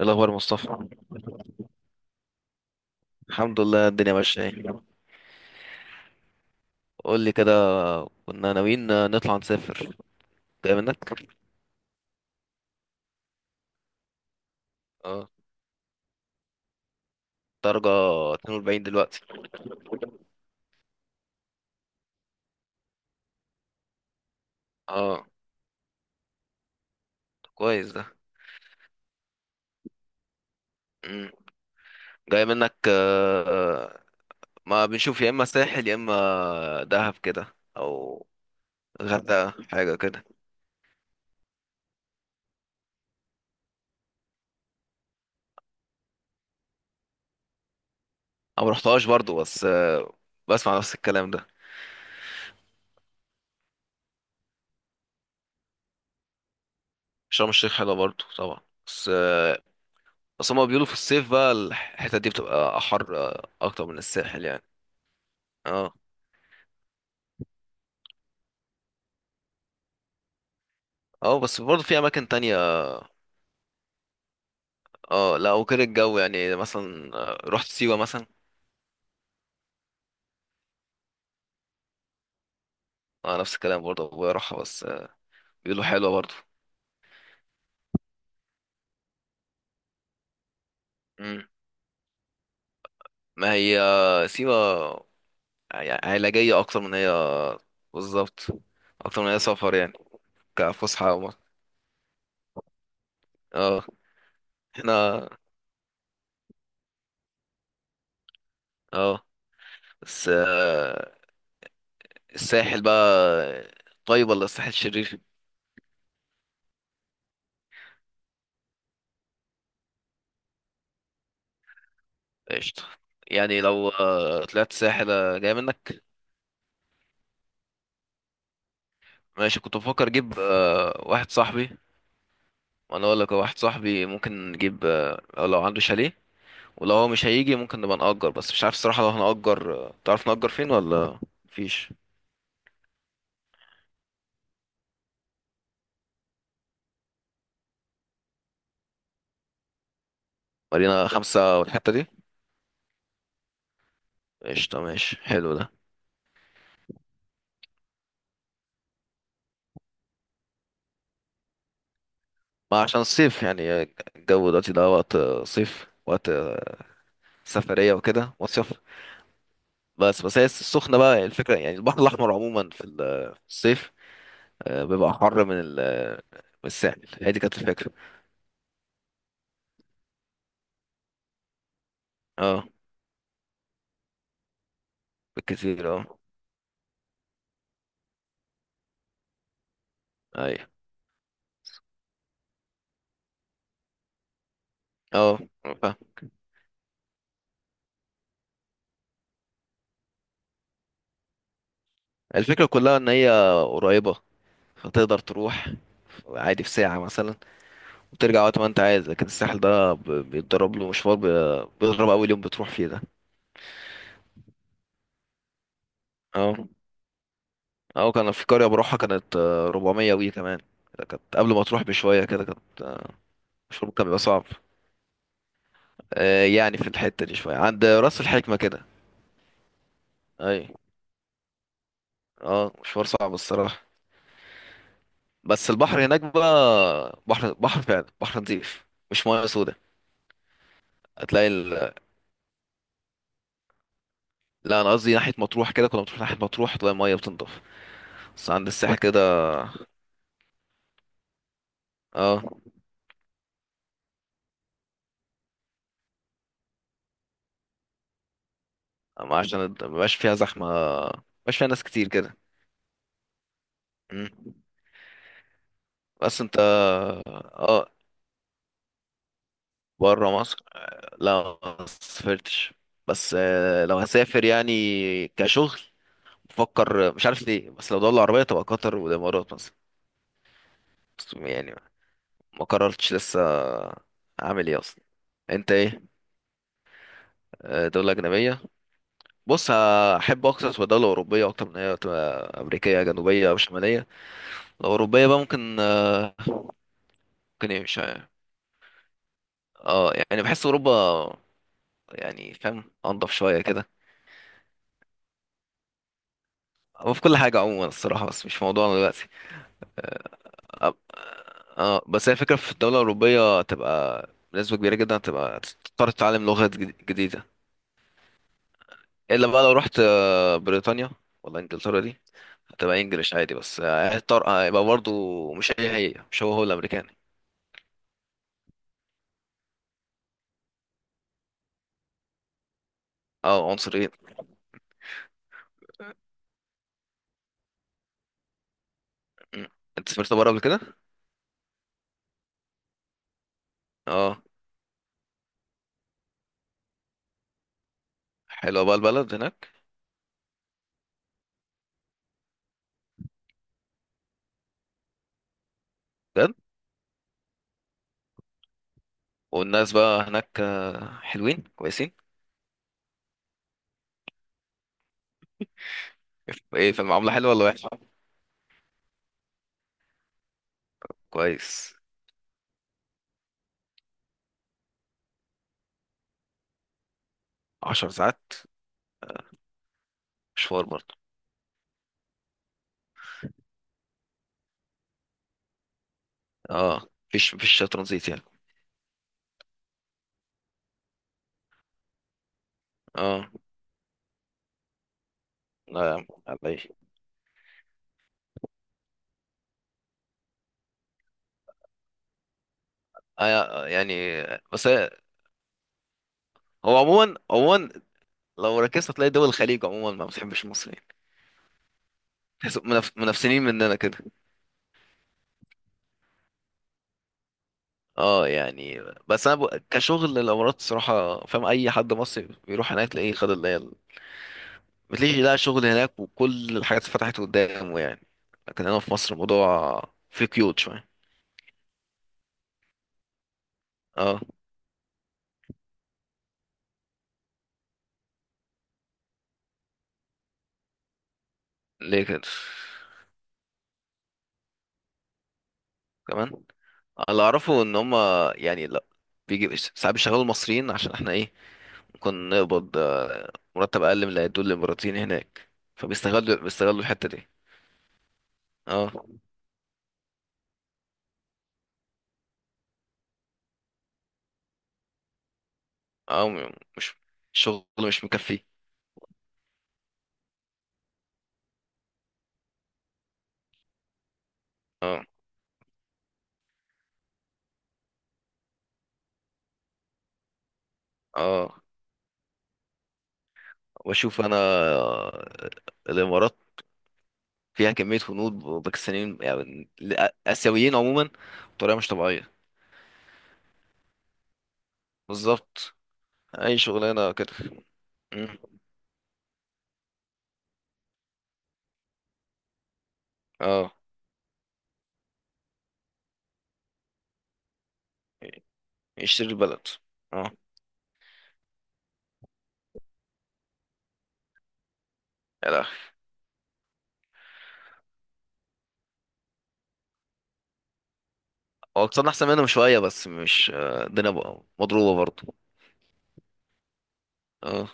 إيه الأخبار يا مصطفى؟ الحمد لله، الدنيا ماشية اهي. قول لي كده. كنا ناويين نطلع نسافر. جاي منك. اه. درجة 42 دلوقتي. اه، كويس ده. مم. جاي منك. آه، ما بنشوف يا اما ساحل يا اما دهب كده او غردقة حاجة كده. انا مرحتهاش برضو، بس بسمع نفس الكلام ده. شرم الشيخ حلوة برضو طبعا. بس آه، بس هما بيقولوا في الصيف بقى الحتة دي بتبقى أحر أكتر من الساحل يعني. اه، اه. بس برضه في أماكن تانية. اه، لا وكده الجو يعني مثلا رحت سيوة مثلا. اه، نفس الكلام برضه ابويا راحها، بس بيقولوا حلوة برضه. مم. ما هي سيوة يعني علاجية أكتر من هي. بالظبط. أكتر من هي سفر يعني، كفسحة أو... اه. احنا. اه. بس الساحل بقى طيب ولا الساحل شرير؟ قشطة. يعني لو طلعت ساحل جاي منك. ماشي، كنت بفكر اجيب واحد صاحبي. انا اقول لك هو واحد صاحبي ممكن نجيب لو عنده شاليه. ولو هو مش هيجي ممكن نبقى نأجر، بس مش عارف الصراحة لو هنأجر تعرف نأجر فين ولا مفيش. مارينا خمسة والحتة دي. قشطة، ماشي، حلو ده. ما عشان الصيف يعني الجو دلوقتي ده وقت صيف، وقت سفرية وكده مصيف. بس بس هي السخنة بقى الفكرة، يعني البحر الأحمر عموما في الصيف، بيبقى حر من ال- آه، من الساحل. هي دي كانت الفكرة. اه، بالكتير اه. ايوه، اه، فاهم. الفكرة كلها ان هي قريبة فتقدر تروح عادي في ساعة مثلا وترجع وقت ما انت عايز، لكن الساحل ده بيتضرب له مشوار، بيضرب اول يوم بتروح فيه ده. اه، اه. كان في قرية بروحها كانت 400 وي كمان. كانت قبل ما تروح بشوية كده، كانت. مشوار كان بيبقى صعب. يعني في الحتة دي شوية عند راس الحكمة كده. اي، اه، مشوار صعب الصراحة. بس البحر هناك بقى بحر بحر فعلا، بحر نظيف، مش مياه سودة. هتلاقي. لا، انا قصدي ناحيه مطروح، كده كنا بنروح ناحيه مطروح تلاقي الميه بتنضف. بس عند الساحل كده. اه. أما عشان مبقاش فيها زحمه، مبقاش فيها ناس كتير كده. مم. بس انت. اه. بره مصر، لا ما سافرتش. بس لو هسافر يعني كشغل، بفكر مش عارف ليه، بس لو دولة عربية تبقى قطر والامارات مثلا. بس يعني ما قررتش لسه اعمل ايه اصلا. انت ايه؟ دولة أجنبية. بص، احب اقصص بدولة أوروبية أكتر من هي تبقى أمريكية جنوبية أو شمالية. الأوروبية بقى ممكن إيه مش عارف. اه، يعني بحس أوروبا يعني، فاهم، أنضف شوية كده. هو في كل حاجة عموما الصراحة، بس مش موضوعنا دلوقتي. اه. بس هي فكرة في الدولة الأوروبية تبقى بنسبة كبيرة جدا تبقى تضطر تتعلم لغات جديدة. إلا بقى لو رحت بريطانيا ولا إنجلترا دي هتبقى إنجليش عادي، بس هتضطر هيبقى برضه مش هي مش هو الأمريكاني. اه، عنصر. مم. انت سافرت بره قبل كده؟ اه. حلوه بقى البلد هناك؟ بجد. والناس بقى هناك حلوين كويسين. ايه، في المعامله حلوه ولا وحشه؟ كويس. 10 ساعات. مشوار برضه. اه، مفيش ترانزيت يعني. اه، لا يا عم، على ايه. يعني. بس هو عموما عموما لو ركزت هتلاقي دول الخليج عموما ما بتحبش المصريين. تحس منافسين مننا كده. اه، يعني. بس انا كشغل الامارات الصراحه، فاهم اي حد مصري بيروح هناك تلاقيه خد اللي هي، بتلاقي لقى شغل هناك وكل الحاجات اتفتحت قدامه يعني. لكن هنا في مصر الموضوع في قيود شوية. اه، ليه كده؟ كمان. اللي اعرفه ان هما يعني لا، بيجي ساعات بيشغلوا المصريين عشان احنا ايه، ممكن نقبض مرتب اقل من اللي هيدوه الاماراتيين هناك، فبيستغلوا الحتة دي. اه، اه. مش الشغل مش مكفي. اه، اه. واشوف انا الامارات فيها كمية هنود باكستانيين يعني آسيويين عموما بطريقة مش طبيعية. بالظبط، أي شغلانة كده. مم. اه، يشتري البلد. اه، يا لهوي. هو اقتصادنا أحسن منهم شوية، بس مش الدنيا بقى مضروبة برضه. اه،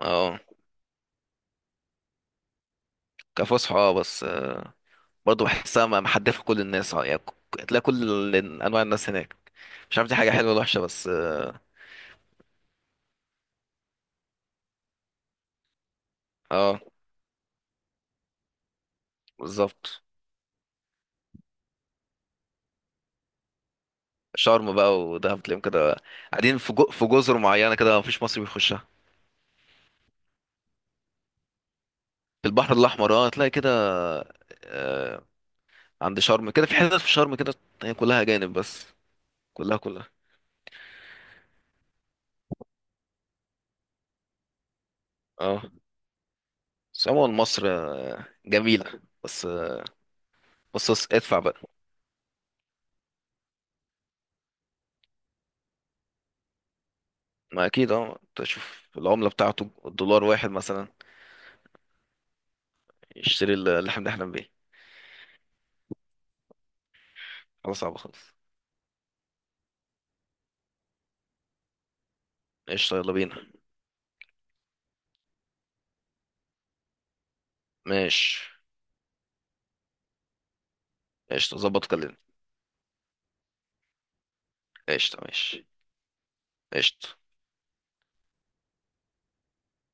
اه. كفصحى اه، بس برضه بحسها محدفة كل الناس اه، يعني تلاقي كل أنواع الناس هناك. مش عارف دي حاجة حلوة ولا وحشة، بس اه. آه، بالظبط. شرم بقى ودهب تلاقيهم كده، قاعدين في في جزر معينة كده مفيش مصري بيخشها. في البحر الأحمر اه، هتلاقي كده. آه عند شرم كده، في حتت في شرم كده هي كلها أجانب بس. كلها كلها. اه. بس عموما مصر جميلة، بس بس بس ادفع بقى. ما أكيد اه، تشوف العملة بتاعته الدولار واحد مثلا، يشتري اللي احنا بنحلم بيه. حاجة صعبة خالص. قشطة، يلا بينا. ماشي، قشطة، ظبط كلمني. قشطة، ماشي، قشطة.